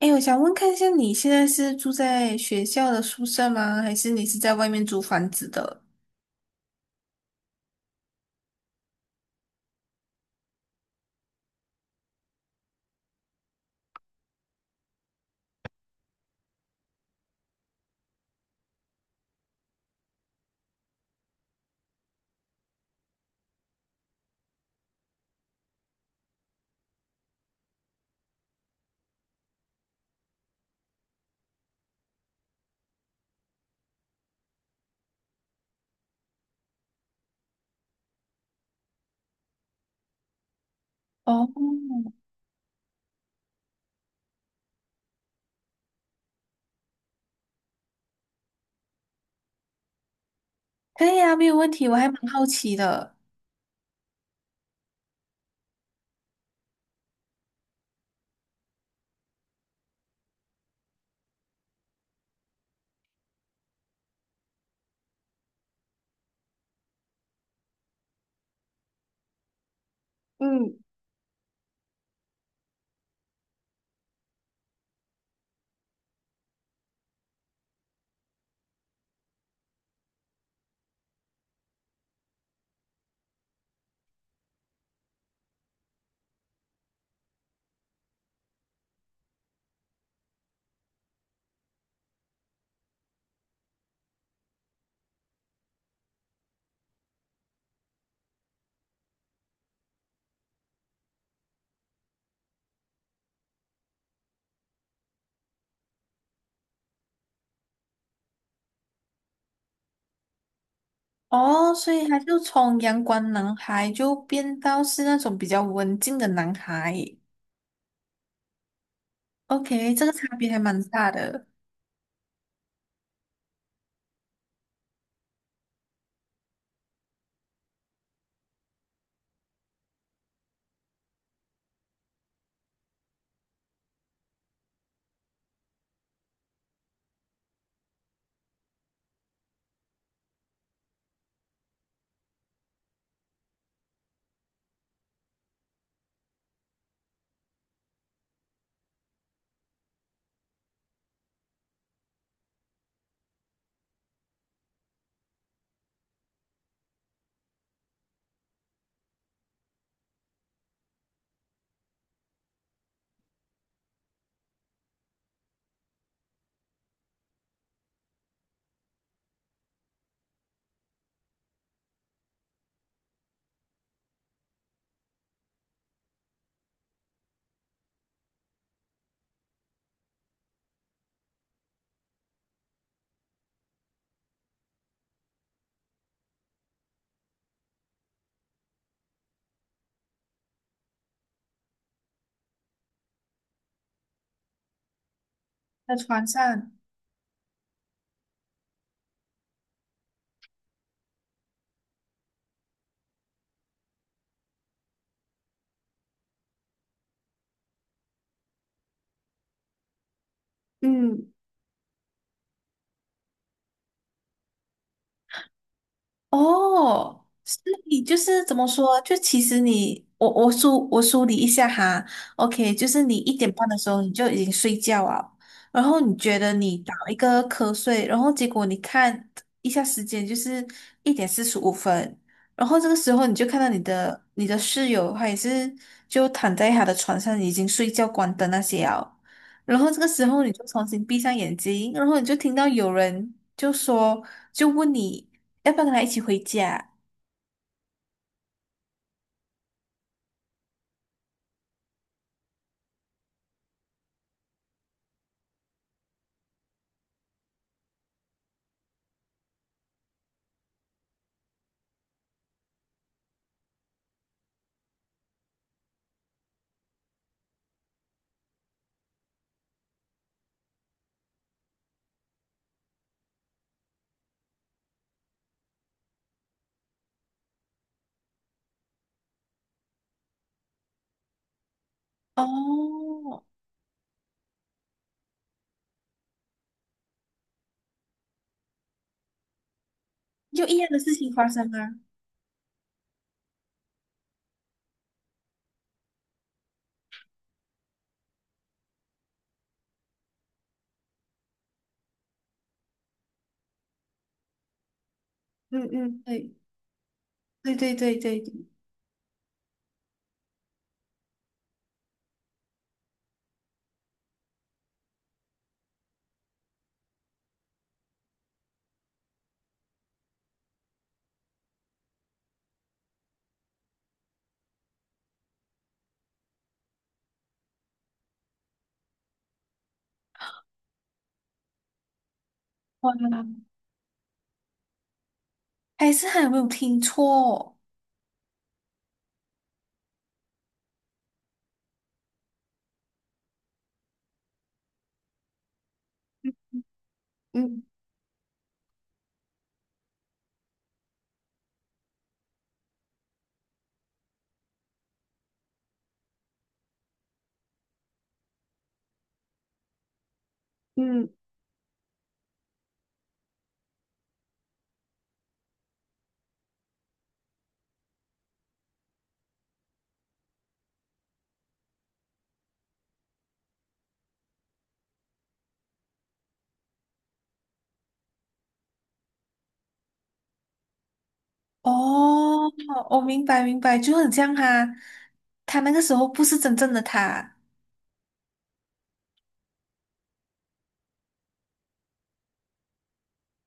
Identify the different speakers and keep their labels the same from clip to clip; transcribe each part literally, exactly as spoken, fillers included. Speaker 1: 哎，我想问看一下，你现在是住在学校的宿舍吗？还是你是在外面租房子的？哦，可以啊，没有问题。我还蛮好奇的。嗯，哦，所以他就从阳光男孩就变到是那种比较文静的男孩。OK，这个差别还蛮大的。在床上，嗯。哦，所以就是怎么说？就其实你，我我梳我梳理一下哈，OK，就是你一点半的时候你就已经睡觉了，然后你觉得你打一个瞌睡，然后结果你看一下时间，就是一点四十五分，然后这个时候你就看到你的你的室友，他也是就躺在他的床上已经睡觉关灯那些了，然后这个时候你就重新闭上眼睛，然后你就听到有人就说，就问你。要不要跟他一起回家？哦，就一样的事情发生啊！嗯嗯，对对对对对，对哇，还是还有没有听错？嗯嗯哦，我明白明白，就很像他，他那个时候不是真正的他。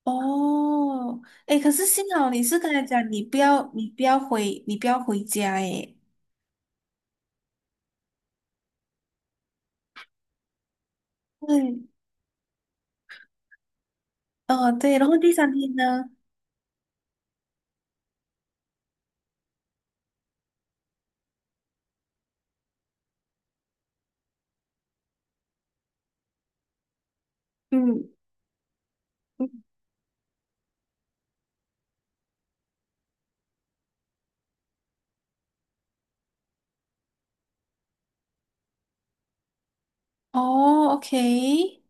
Speaker 1: 哦，诶，可是幸好你是跟他讲，你不要你不要回你不要回家，诶，对，哦对，然后第三天呢？嗯嗯哦，OK，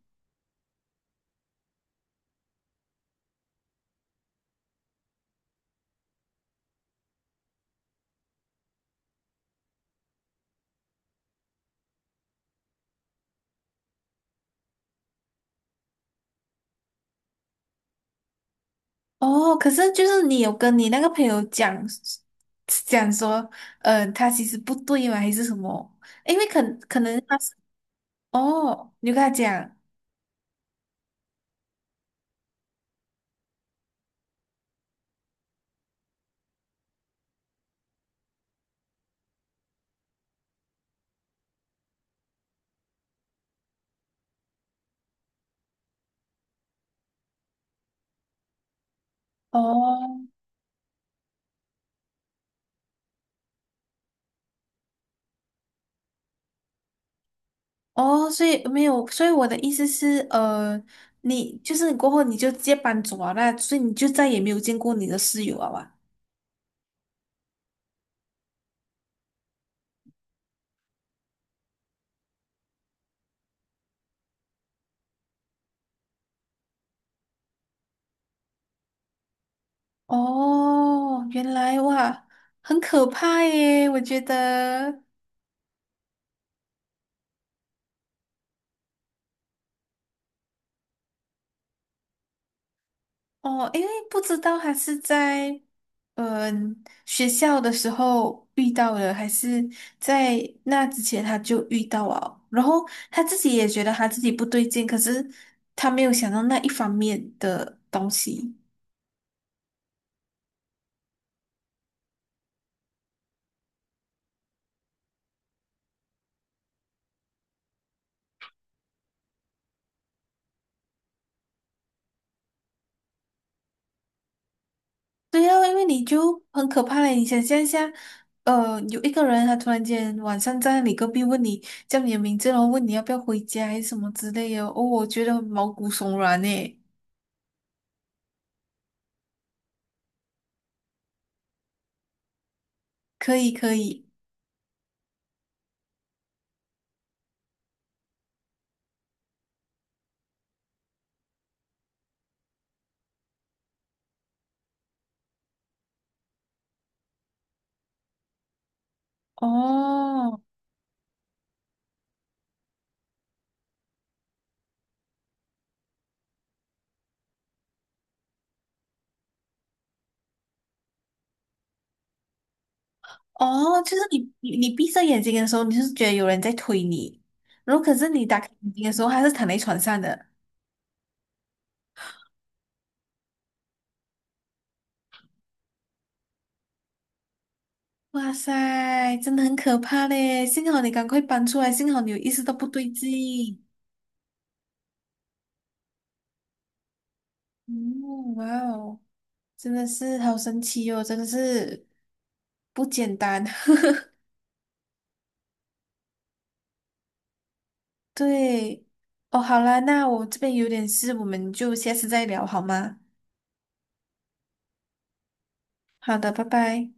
Speaker 1: 哦，可是就是你有跟你那个朋友讲讲说，呃，他其实不对嘛，还是什么？因为可可能他是哦，你就跟他讲哦哦，所以没有，所以我的意思是，呃，你就是你过后你就直接搬走啊，那所以你就再也没有见过你的室友啊哇？哦，原来哇，很可怕耶，我觉得。哦，因为不知道他是在嗯、学校的时候遇到了，还是在那之前他就遇到了，然后他自己也觉得他自己不对劲，可是他没有想到那一方面的东西。对啊，因为你就很可怕嘞，你想象一下，呃，有一个人他突然间晚上在你隔壁问你叫你的名字，然后问你要不要回家还是什么之类的，哦，我觉得毛骨悚然诶。可以可以，哦，哦，就是你你你闭上眼睛的时候，你就是觉得有人在推你，然后可是你打开眼睛的时候，还是躺在床上的。哇塞，真的很可怕嘞！幸好你赶快搬出来，幸好你有意识到不对劲。嗯，哇哦，真的是好神奇哦，真的是不简单。对，哦，好啦，那我这边有点事，我们就下次再聊好吗？好的，拜拜。